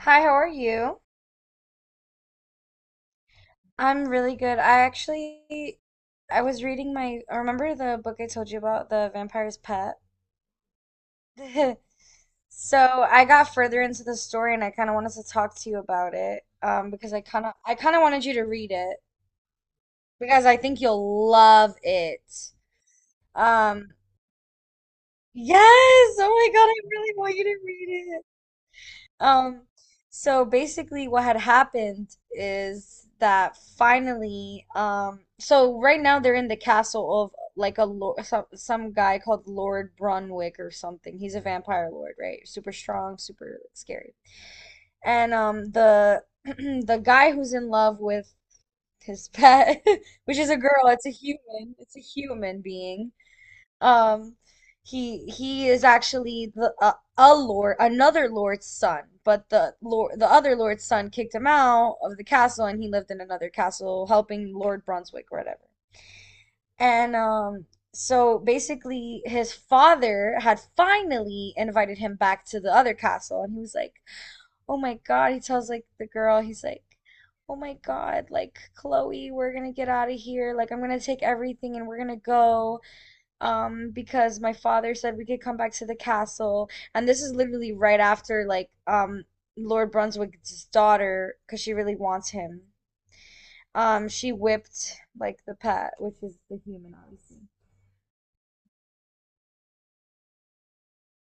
Hi, how are you? I'm really good. I actually I was reading my remember the book I told you about, The Vampire's Pet? So I got further into the story and I kind of wanted to talk to you about it because I kind of wanted you to read it because I think you'll love it. Um yes, oh my God, I really want you to read. Um, so basically what had happened is that finally, so right now they're in the castle of like a lord, some guy called Lord Brunwick or something. He's a vampire lord, right? Super strong, super scary. And the the guy who's in love with his pet, which is a girl, it's a human being. Um, he is actually the a lord, another lord's son, but the other lord's son kicked him out of the castle, and he lived in another castle helping Lord Brunswick or whatever. And so basically, his father had finally invited him back to the other castle, and he was like, "Oh my God!" He tells like the girl, he's like, "Oh my God, like Chloe, we're gonna get out of here. Like, I'm gonna take everything and we're gonna go because my father said we could come back to the castle and this is literally right after like Lord Brunswick's daughter because she really wants him she whipped like the pet which is the human obviously."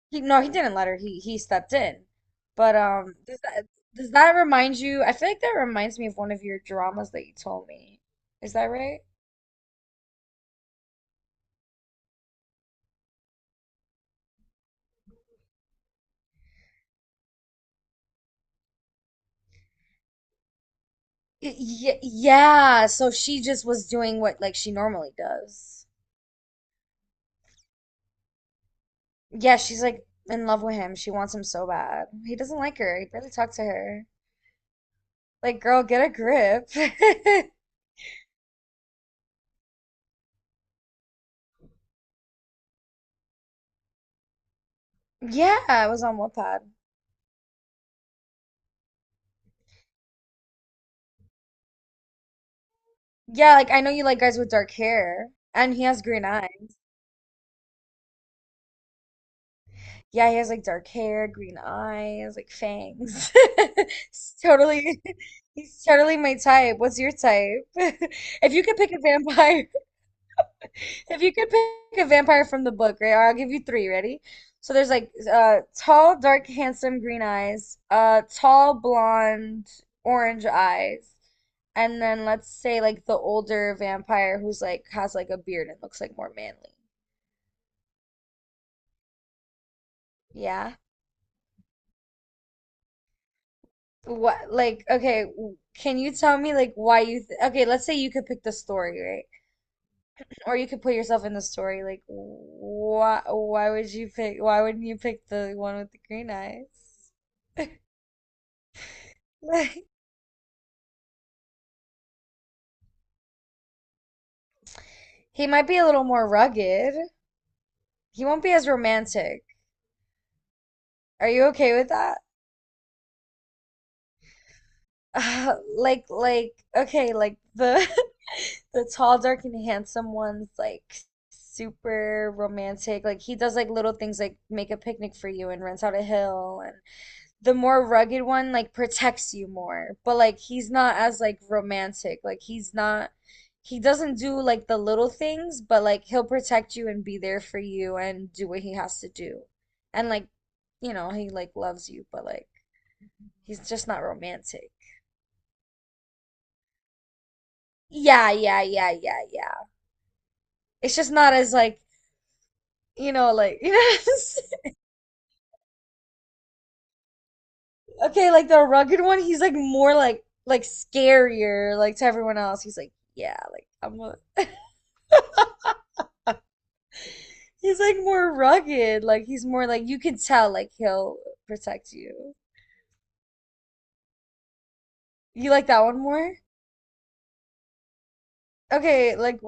He, no, he didn't let her, he stepped in. But does that, does that remind you? I feel like that reminds me of one of your dramas that you told me. Is that right? Yeah, so she just was doing what like she normally does. Yeah, she's like in love with him. She wants him so bad. He doesn't like her. He barely talks to her. Like, girl, get a grip. Yeah, it was on Wattpad. Yeah, like I know you like guys with dark hair, and he has green eyes. Yeah, he has like dark hair, green eyes, like fangs. It's totally, he's totally my type. What's your type? If you could pick a vampire, If you could pick a vampire from the book, right? Or I'll give you three. Ready? So there's like tall, dark, handsome, green eyes, tall, blonde, orange eyes, and then let's say like the older vampire who's like has like a beard and looks like more manly. Yeah. What, like, okay? Can you tell me like why you th okay? Let's say you could pick the story, right? Or you could put yourself in the story. Like, why? Why would you pick? Why wouldn't you pick the one with the green eyes? He might be a little more rugged. He won't be as romantic. Are you okay with that? Like okay, like the the tall, dark, and handsome one's like super romantic. Like he does like little things like make a picnic for you and rents out a hill, and the more rugged one like protects you more, but like he's not as like romantic. Like he doesn't do like the little things, but like he'll protect you and be there for you and do what he has to do. And like, you know, he like loves you, but like he's just not romantic. Yeah, yeah, yeah, yeah, yeah. It's just not as like, you know, like, you know. Okay, like the rugged one, he's like more like scarier like to everyone else. He's like, yeah, like I'm gonna He's like more rugged. Like he's more like you can tell like he'll protect you. You like that one more? Okay, like,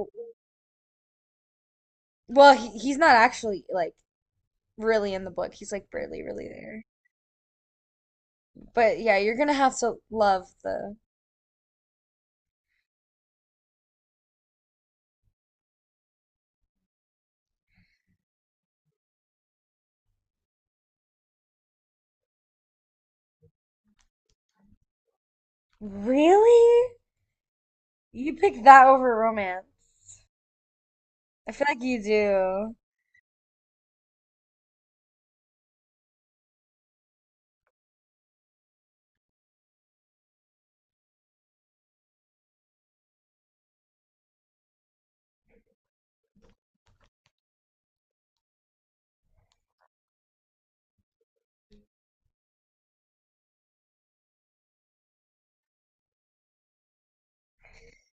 well, he's not actually like really in the book. He's like barely really there. But yeah, you're gonna have to love the. Really? You pick that over romance. I feel like you do.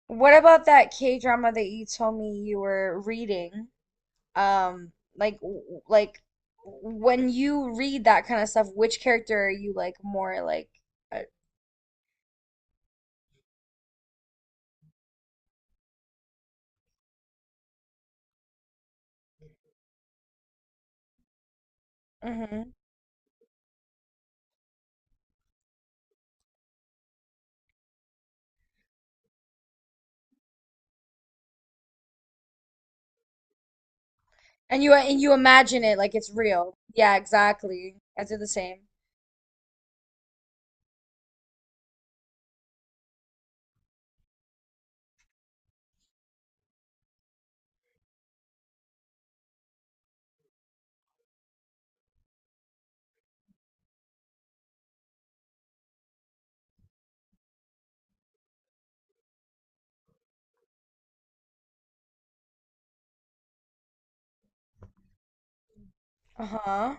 What about that K drama that you told me you were reading? um like like when you read that kind of stuff, which character are you like more like? uh, mhm. And you imagine it like it's real. Yeah, exactly. I do the same. Uh-huh.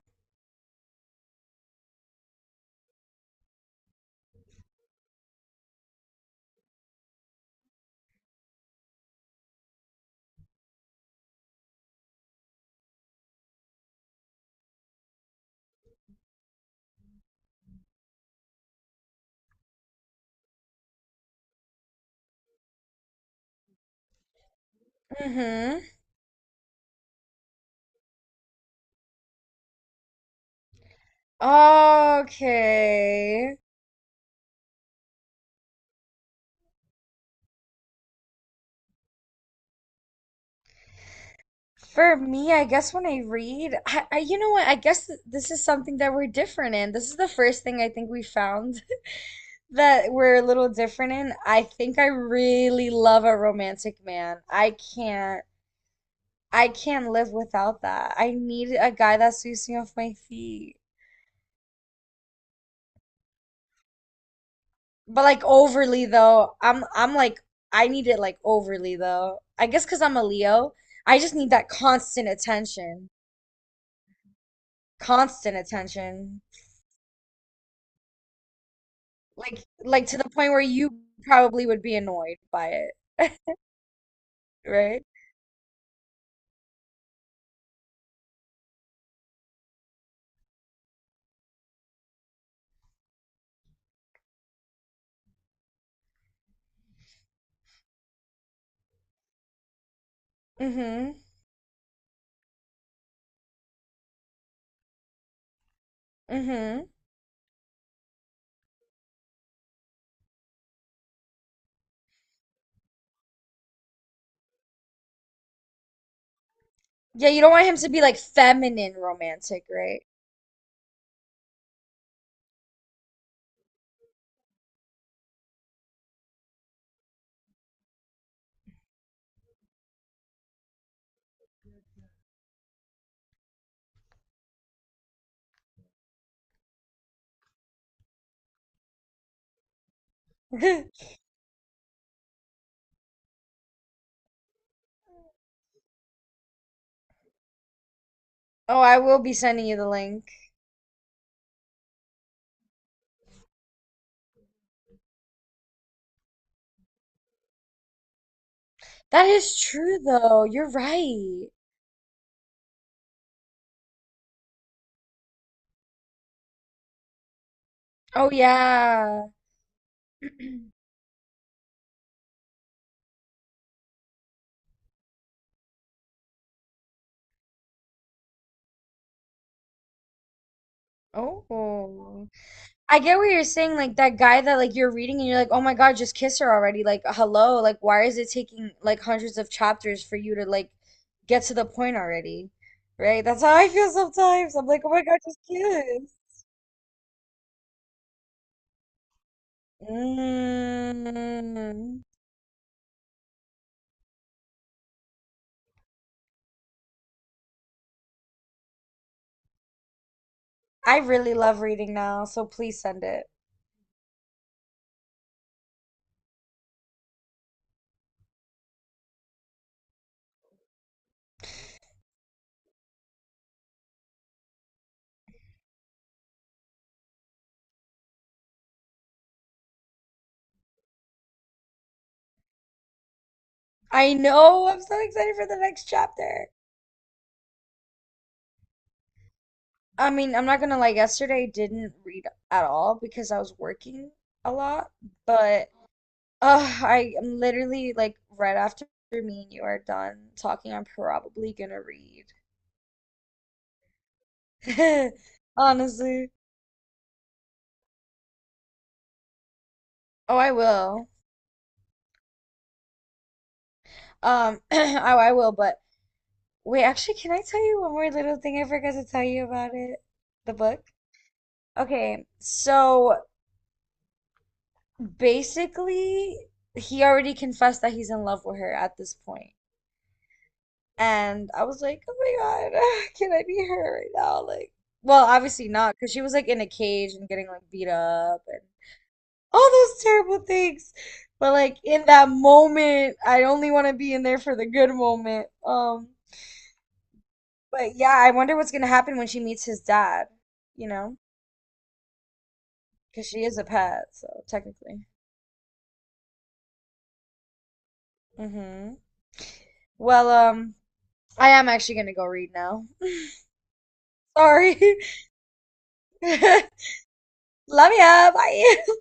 Mm-hmm. Okay. For me, I guess when I read, I, you know what? I guess this is something that we're different in. This is the first thing I think we found that we're a little different in. I think I really love a romantic man. I can't live without that. I need a guy that sweeps me off my feet. But like overly though, I'm like I need it like overly though. I guess 'cause I'm a Leo, I just need that constant attention. Constant attention. Like to the point where you probably would be annoyed by it, right? Mm-hmm. Mm-hmm. Yeah, you don't want him to be like feminine romantic, right? Oh, I will be sending you the link. That is true though. You're right. Oh yeah. Oh. I get what you're saying, like that guy that like you're reading and you're like, "Oh my God, just kiss her already." Like, hello, like why is it taking like hundreds of chapters for you to like get to the point already? Right? That's how I feel sometimes. I'm like, "Oh my God, just kiss." Mm. I really love reading now, so please send it. I know. I'm so excited for the next chapter. I mean, I'm not gonna lie, yesterday I didn't read at all because I was working a lot, but I am literally like right after me and you are done talking, I'm probably gonna read. Honestly. Oh, I will. Oh, I will, but wait, actually, can I tell you one more little thing I forgot to tell you about it? The book? Okay, so basically, he already confessed that he's in love with her at this point. And I was like, oh my God, can I be her right now? Like, well, obviously not, because she was like in a cage and getting like beat up and all those terrible things. But like in that moment, I only want to be in there for the good moment. But yeah, I wonder what's gonna happen when she meets his dad, you know? Because she is a pet, so technically. Mm-hmm. Well, I am actually gonna go read now. Sorry. Love ya. Bye.